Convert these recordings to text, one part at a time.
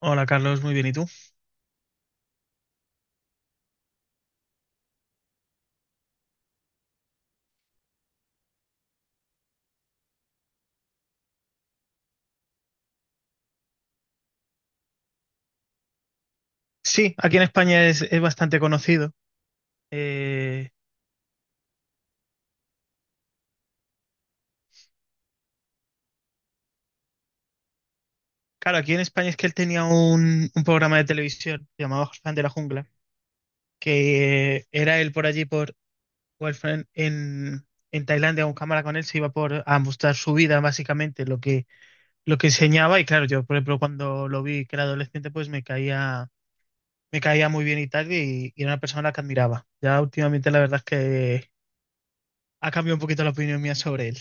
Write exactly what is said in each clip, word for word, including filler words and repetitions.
Hola Carlos, muy bien. ¿Y tú? Sí, aquí en España es, es bastante conocido. Eh, claro, aquí en España es que él tenía un, un programa de televisión llamado Fan de la Jungla, que eh, era él por allí, por Wolfram, en, en Tailandia, con cámara con él, se iba por a mostrar su vida, básicamente, lo que, lo que enseñaba. Y claro, yo, por ejemplo, cuando lo vi que era adolescente, pues me caía, me caía muy bien y tal, y, y era una persona a la que admiraba. Ya últimamente la verdad es que ha cambiado un poquito la opinión mía sobre él.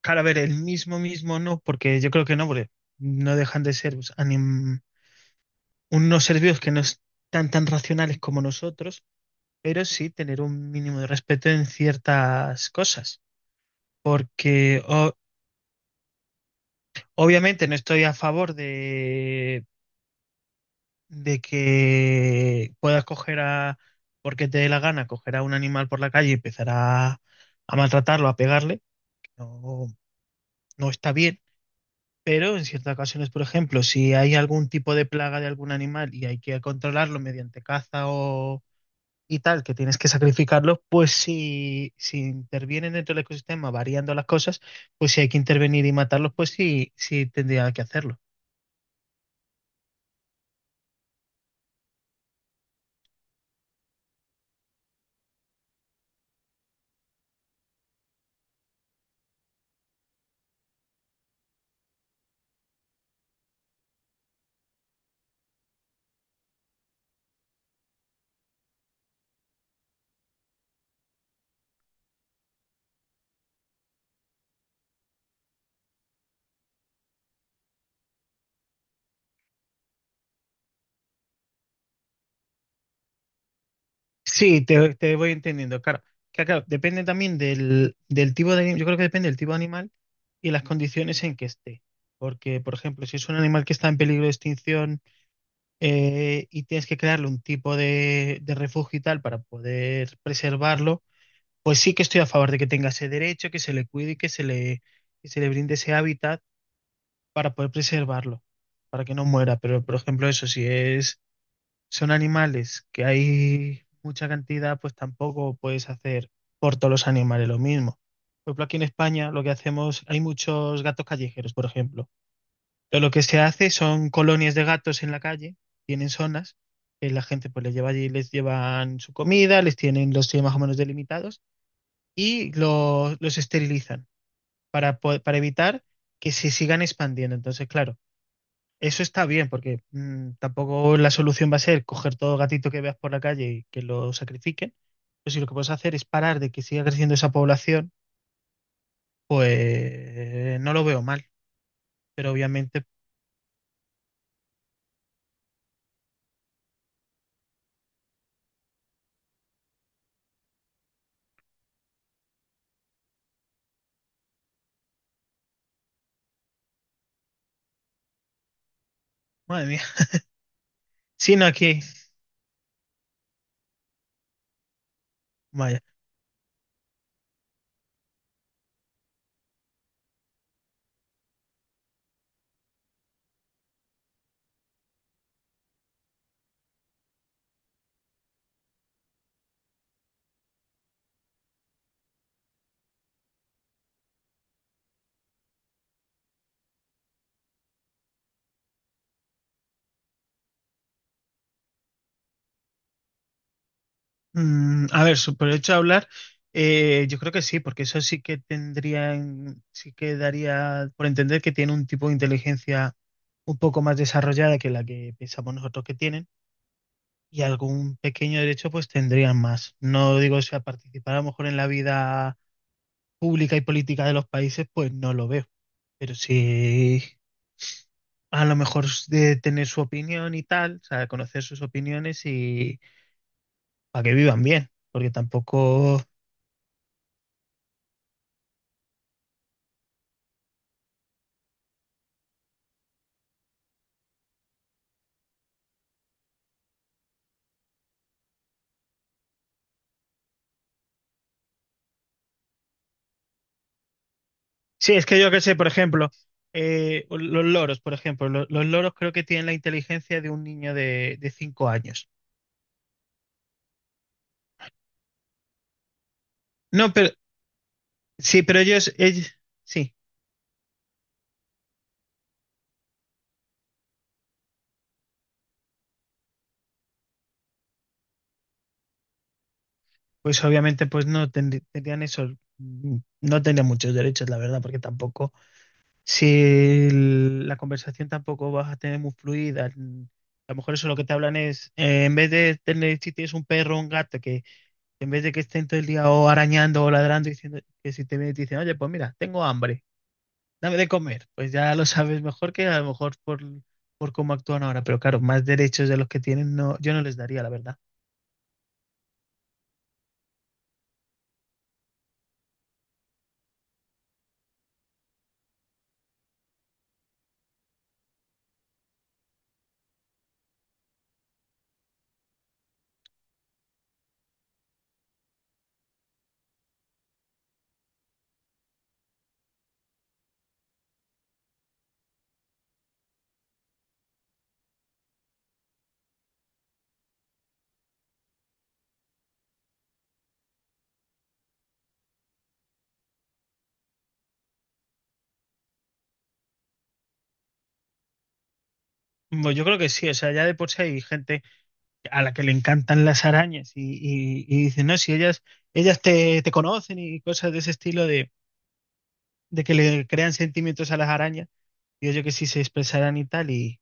Claro, a ver, el mismo mismo no, porque yo creo que no, porque no dejan de ser pues, anim- unos seres vivos que no están tan racionales como nosotros, pero sí tener un mínimo de respeto en ciertas cosas. Porque o- obviamente no estoy a favor de, de que puedas coger a, porque te dé la gana, coger a un animal por la calle y empezar a, a maltratarlo, a pegarle, que no, no está bien. Pero en ciertas ocasiones, por ejemplo, si hay algún tipo de plaga de algún animal y hay que controlarlo mediante caza o y tal, que tienes que sacrificarlo, pues si, si intervienen dentro del ecosistema variando las cosas, pues si hay que intervenir y matarlos, pues sí, sí tendría que hacerlo. Sí, te, te voy entendiendo, claro. Que, claro, depende también del, del tipo de, yo creo que depende del tipo de animal y las condiciones en que esté. Porque, por ejemplo, si es un animal que está en peligro de extinción eh, y tienes que crearle un tipo de, de refugio y tal para poder preservarlo, pues sí que estoy a favor de que tenga ese derecho, que se le cuide y que se le, que se le brinde ese hábitat para poder preservarlo, para que no muera. Pero, por ejemplo, eso, si es, son animales que hay mucha cantidad, pues tampoco puedes hacer por todos los animales lo mismo. Por ejemplo, aquí en España lo que hacemos, hay muchos gatos callejeros, por ejemplo, pero lo que se hace son colonias de gatos en la calle, tienen zonas, que la gente pues les lleva allí, les llevan su comida, les tienen, los tienen más o menos delimitados y los, los esterilizan para, po- para evitar que se sigan expandiendo. Entonces, claro, eso está bien porque mm, tampoco la solución va a ser coger todo gatito que veas por la calle y que lo sacrifiquen. Pero si lo que puedes hacer es parar de que siga creciendo esa población, pues no lo veo mal. Pero obviamente, madre mía, si no aquí, vaya. Mm, a ver, so- por el hecho de hablar, eh, yo creo que sí, porque eso sí que tendría, en- sí que daría por entender que tiene un tipo de inteligencia un poco más desarrollada que la que pensamos nosotros que tienen, y algún pequeño derecho pues tendrían más. No digo, o sea, participar a lo mejor en la vida pública y política de los países, pues no lo veo, pero sí a lo mejor de tener su opinión y tal, o sea, conocer sus opiniones y para que vivan bien, porque tampoco... Sí, es que yo qué sé, por ejemplo, eh, los loros, por ejemplo, lo- los, loros creo que tienen la inteligencia de un niño de, de cinco años. No, pero sí, pero ellos, ellos, sí, pues obviamente pues no tendrí- tendrían esos, mm, no tendrían muchos derechos, la verdad, porque tampoco, si el- la conversación tampoco vas a tener muy fluida, mm, a lo mejor eso lo que te hablan es, eh, en vez de tener, si tienes un perro o un gato, que en vez de que estén todo el día o arañando o ladrando, diciendo que si te vienen y te dicen, oye, pues mira, tengo hambre, dame de comer. Pues ya lo sabes mejor que a lo mejor por, por cómo actúan ahora, pero claro, más derechos de los que tienen, no, yo no les daría, la verdad. Bueno, yo creo que sí, o sea, ya de por sí hay gente a la que le encantan las arañas y, y, y dicen, no, si ellas, ellas te, te conocen y cosas de ese estilo de, de que le crean sentimientos a las arañas, digo yo que si se expresaran y tal y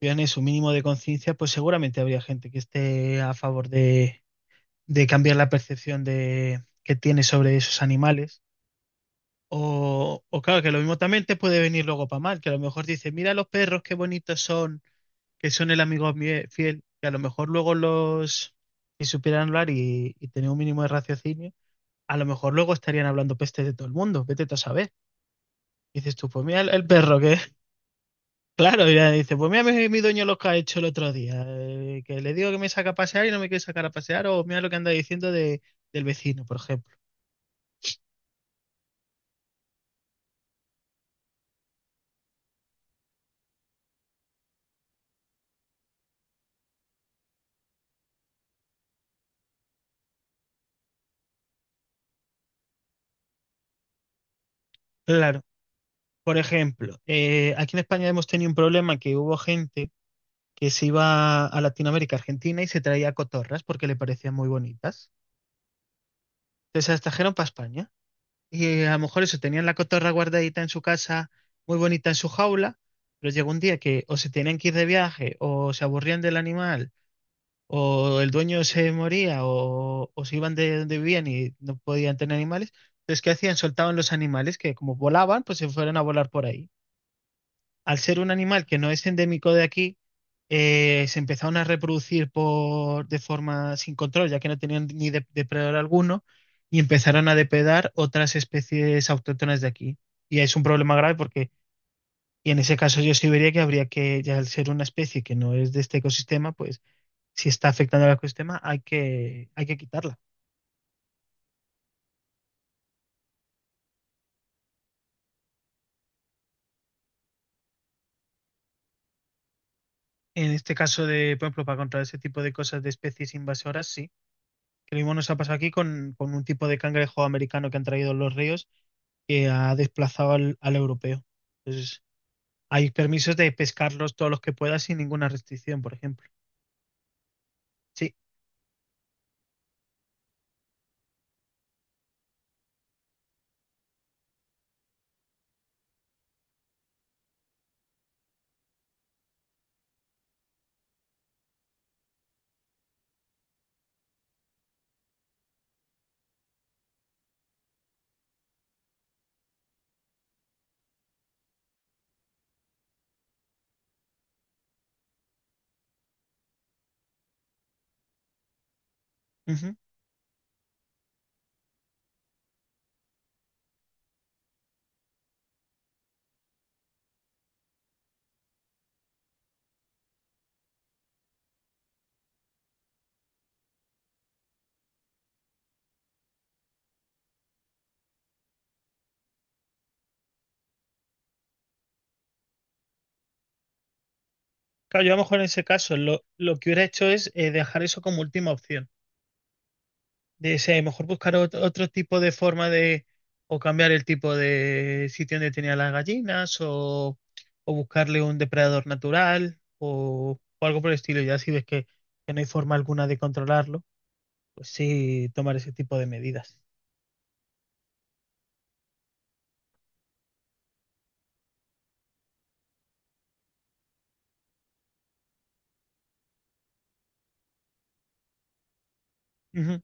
tuvieran su mínimo de conciencia, pues seguramente habría gente que esté a favor de, de cambiar la percepción de, que tiene sobre esos animales. O, o claro, que lo mismo también te puede venir luego para mal, que a lo mejor dices, mira los perros, qué bonitos son, que son el amigo mie- fiel, que a lo mejor luego los, si supieran hablar y, y tener un mínimo de raciocinio, a lo mejor luego estarían hablando peste de todo el mundo, vete tú a saber. Y dices tú, pues mira el, el perro que, claro, y ya dice, pues mira mi, mi dueño lo que ha hecho el otro día, eh, que le digo que me saca a pasear y no me quiere sacar a pasear, o mira lo que anda diciendo de, del vecino, por ejemplo. Claro. Por ejemplo, eh, aquí en España hemos tenido un problema que hubo gente que se iba a Latinoamérica, Argentina, y se traía cotorras porque le parecían muy bonitas. Entonces se las trajeron para España. Y eh, a lo mejor eso, tenían la cotorra guardadita en su casa, muy bonita en su jaula, pero llegó un día que o se tenían que ir de viaje, o se aburrían del animal, o el dueño se moría, o, o se iban de donde vivían y no podían tener animales. Entonces, ¿qué hacían? Soltaban los animales que como volaban, pues se fueron a volar por ahí. Al ser un animal que no es endémico de aquí, eh, se empezaron a reproducir por, de forma sin control, ya que no tenían ni de- depredador alguno, y empezaron a depredar otras especies autóctonas de aquí. Y es un problema grave porque, y en ese caso yo sí vería que habría que, ya al ser una especie que no es de este ecosistema, pues si está afectando al ecosistema hay que, hay que quitarla. En este caso de, por ejemplo, para controlar ese tipo de cosas de especies invasoras, sí. Que lo mismo nos ha pasado aquí con, con un tipo de cangrejo americano que han traído los ríos que ha desplazado al, al europeo. Entonces, hay permisos de pescarlos todos los que puedas sin ninguna restricción, por ejemplo. Sí. Ujú. Claro, yo a lo mejor en ese caso lo, lo que hubiera hecho es eh, dejar eso como última opción. De, o sea, a lo mejor buscar ot- otro tipo de forma de, o cambiar el tipo de sitio donde tenía las gallinas, o, o buscarle un depredador natural, o, o algo por el estilo. Ya si ves que, que no hay forma alguna de controlarlo, pues sí, tomar ese tipo de medidas. Ujú.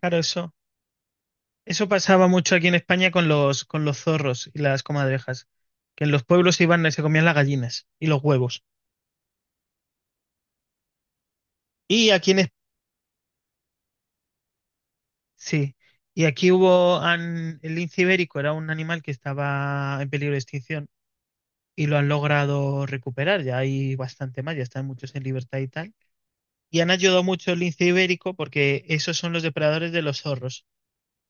Claro, eso. Eso pasaba mucho aquí en España con los, con los zorros y las comadrejas, que en los pueblos se iban y se comían las gallinas y los huevos. Y aquí en, Es- sí, y aquí hubo, han- el lince ibérico era un animal que estaba en peligro de extinción y lo han logrado recuperar, ya hay bastante más, ya están muchos en libertad y tal. Y han ayudado mucho el lince ibérico porque esos son los depredadores de los zorros.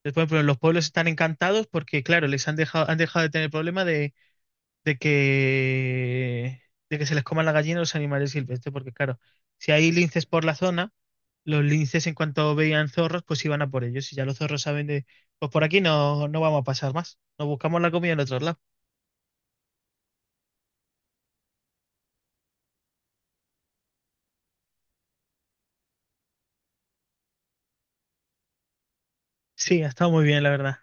Entonces, por ejemplo, los pueblos están encantados porque, claro, les han dejado, han dejado de tener el problema de que, de que se les coman la gallina a los animales silvestres, porque claro, si hay linces por la zona, los linces en cuanto veían zorros, pues iban a por ellos, y ya los zorros saben de, pues por aquí no, no vamos a pasar más, nos buscamos la comida en otro lado. Sí, ha estado muy bien, la verdad.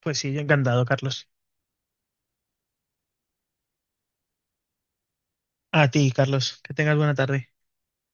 Pues sí, yo encantado, Carlos. A ti, Carlos, que tengas buena tarde.